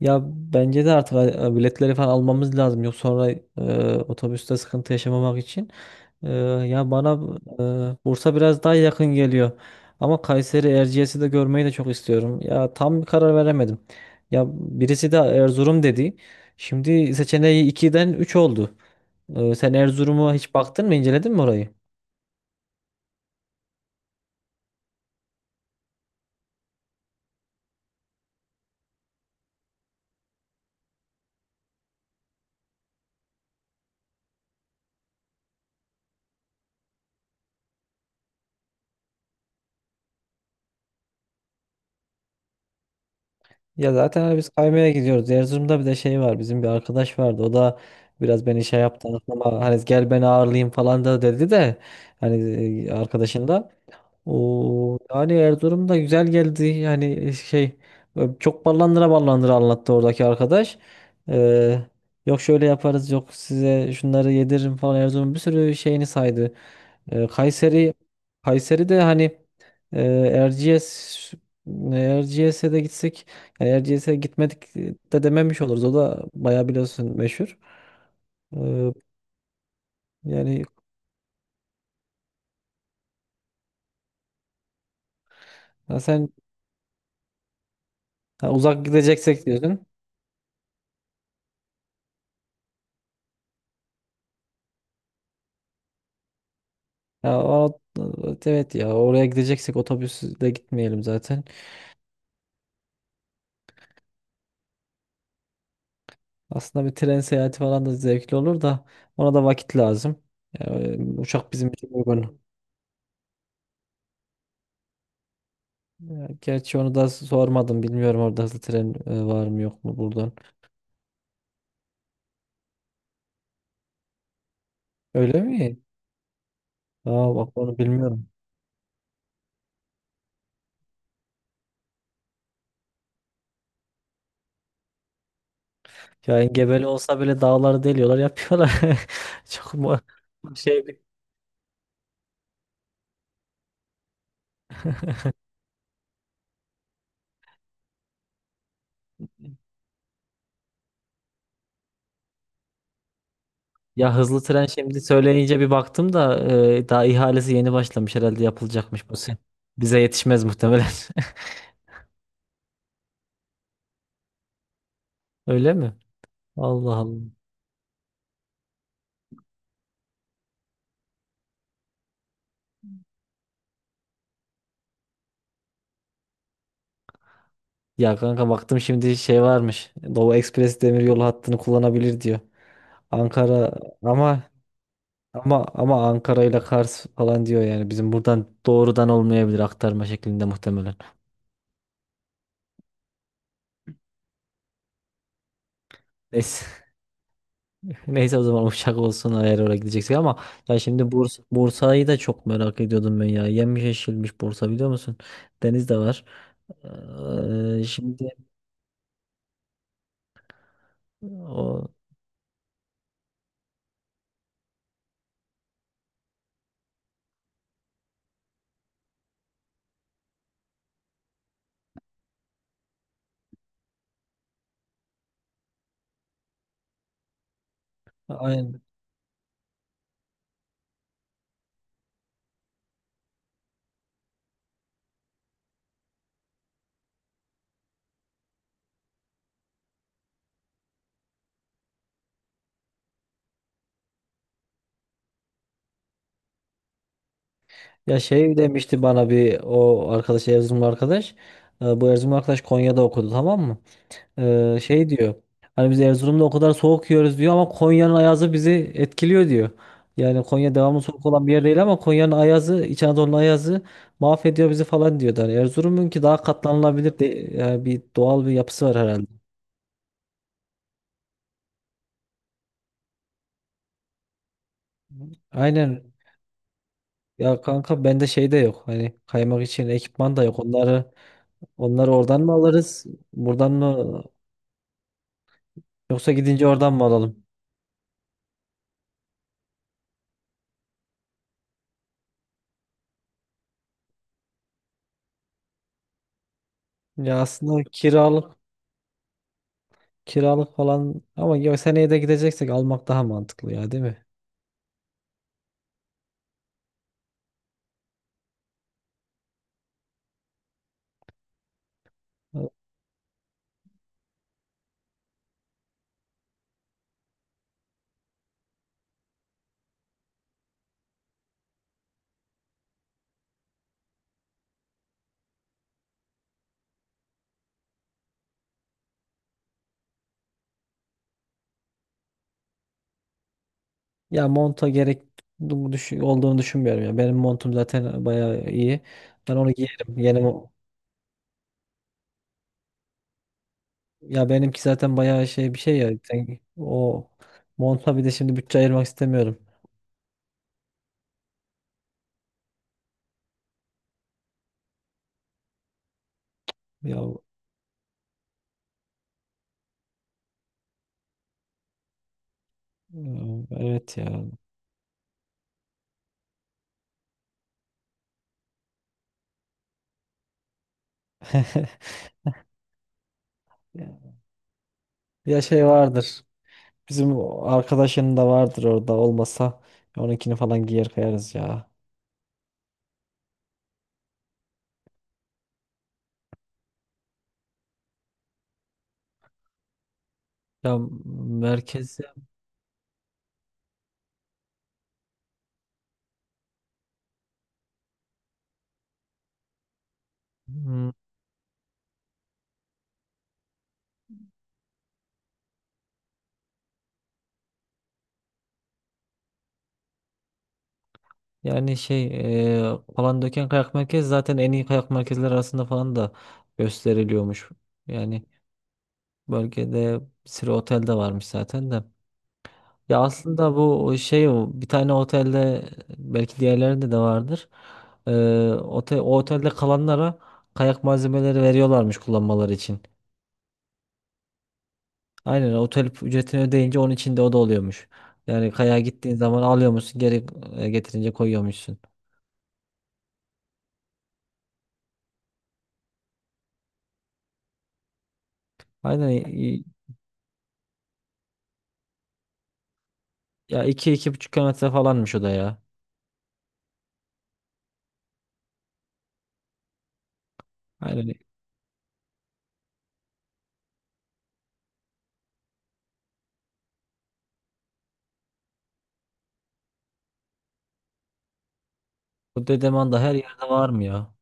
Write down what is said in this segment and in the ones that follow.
Ya bence de artık biletleri falan almamız lazım. Yok sonra otobüste sıkıntı yaşamamak için. E, Ya bana Bursa biraz daha yakın geliyor. Ama Kayseri Erciyes'i de görmeyi de çok istiyorum. Ya tam bir karar veremedim. Ya birisi de Erzurum dedi. Şimdi seçeneği iki'den 3 oldu. Sen Erzurum'a hiç baktın mı, inceledin mi orayı? Ya zaten hani biz kaymaya gidiyoruz. Erzurum'da bir de şey var. Bizim bir arkadaş vardı. O da biraz beni şey yaptı. Ama hani gel beni ağırlayayım falan da dedi de hani arkadaşın da. O yani Erzurum da güzel geldi. Yani şey çok ballandıra ballandıra anlattı oradaki arkadaş. Ee, Yok şöyle yaparız yok size şunları yediririm falan Erzurum'un bir sürü şeyini saydı. Ee, Kayseri Kayseri de hani e, Erciyes Erciyes'e de gitsek yani Erciyes'e gitmedik de dememiş oluruz. O da bayağı biliyorsun meşhur. Ee, yani ha sen ha uzak gideceksek diyorsun. Ya o, evet evet ya oraya gideceksek otobüsle gitmeyelim zaten. Aslında bir tren seyahati falan da zevkli olur da ona da vakit lazım. Ya, uçak bizim için uygun. Ya, gerçi onu da sormadım. Bilmiyorum orada hızlı tren var mı yok mu buradan. Öyle mi? Aa bak onu bilmiyorum. Ya engebeli olsa bile dağları deliyorlar yapıyorlar. Çok mu şey bir- ya hızlı tren şimdi söyleyince bir baktım da daha ihalesi yeni başlamış herhalde yapılacakmış bu sene. Bize yetişmez muhtemelen. Öyle mi? Allah Allah. Ya kanka baktım şimdi şey varmış. Doğu Ekspres Demiryolu hattını kullanabilir diyor. Ankara ama ama Ankara ile Kars falan diyor yani. Bizim buradan doğrudan olmayabilir aktarma şeklinde muhtemelen. Neyse. Neyse o zaman uçak olsun eğer oraya gideceksek ama ya şimdi Bursa'yı da çok merak ediyordum ben ya. Yenmiş yeşilmiş Bursa biliyor musun? Deniz de var. Şimdi o aynen. Ya şey demişti bana bir o arkadaş Erzurumlu arkadaş. Bu Erzurumlu arkadaş Konya'da okudu tamam mı? Şey diyor. Hani biz Erzurum'da o kadar soğuk yiyoruz diyor ama Konya'nın ayazı bizi etkiliyor diyor. Yani Konya devamlı soğuk olan bir yer değil ama Konya'nın ayazı, İç Anadolu'nun ayazı mahvediyor bizi falan diyordu. Hani Erzurum'un ki daha katlanılabilir de, yani bir doğal bir yapısı var herhalde. Aynen. Ya kanka bende şey de yok. Hani kaymak için ekipman da yok. Onları oradan mı alırız? Buradan mı yoksa gidince oradan mı alalım? Ya aslında kiralık falan ama ya seneye de gideceksek almak daha mantıklı ya değil mi? Ya monta olduğunu düşünmüyorum ya. Benim montum zaten bayağı iyi. Ben onu giyerim. Ya benimki zaten bayağı şey bir şey ya. O monta bir de şimdi bütçe ayırmak istemiyorum. Ya e, evet ya. Ya şey vardır. Bizim o arkadaşının da vardır orada olmasa onunkini falan giyer kayarız ya. Ya merkezde hmm, yani Palandöken Kayak Merkezi zaten en iyi kayak merkezleri arasında falan da gösteriliyormuş. Yani bölgede bir sürü otel de varmış zaten de. Ya aslında bu şey o, bir tane otelde belki diğerlerinde de vardır. E, O otelde kalanlara kayak malzemeleri veriyorlarmış kullanmaları için. Aynen otel ücretini ödeyince onun içinde o da oluyormuş. Yani kayağa gittiğin zaman alıyormuşsun geri getirince koyuyormuşsun. Aynen i- Ya iki 2,5 km falanmış o da ya. Aynen bu Dedeman da her yerde var mı ya?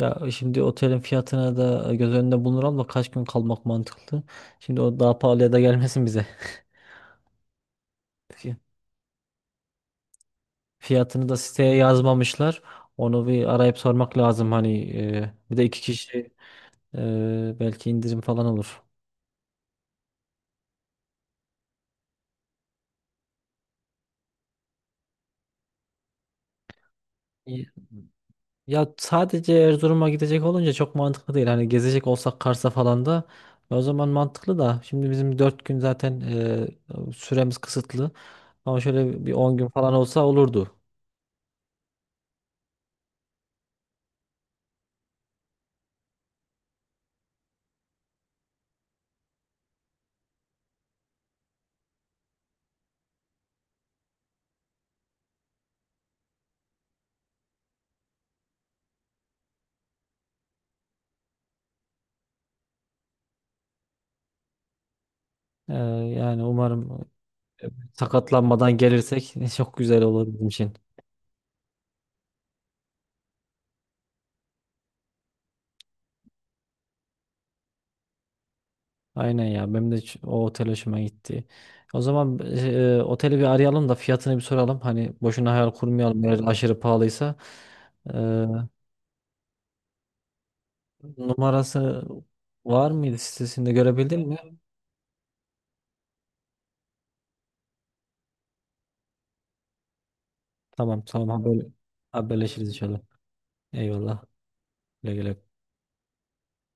Ya şimdi otelin fiyatına da göz önünde bulunur da kaç gün kalmak mantıklı. Şimdi o daha pahalıya da gelmesin bize. Fi- Fiyatını da siteye yazmamışlar. Onu bir arayıp sormak lazım hani bir de iki kişi belki indirim falan olur. Ya sadece Erzurum'a gidecek olunca çok mantıklı değil. Hani gezecek olsak Kars'a falan da o zaman mantıklı da. Şimdi bizim 4 gün zaten süremiz kısıtlı. Ama şöyle bir 10 gün falan olsa olurdu. E, Yani umarım sakatlanmadan gelirsek çok güzel olur bizim için. Aynen ya benim de o otel hoşuma gitti. O zaman oteli bir arayalım da fiyatını bir soralım. Hani boşuna hayal kurmayalım eğer aşırı pahalıysa. E, Numarası var mıydı sitesinde görebildin mi? Tamam tamam haberleşiriz inşallah. Eyvallah. Güle güle.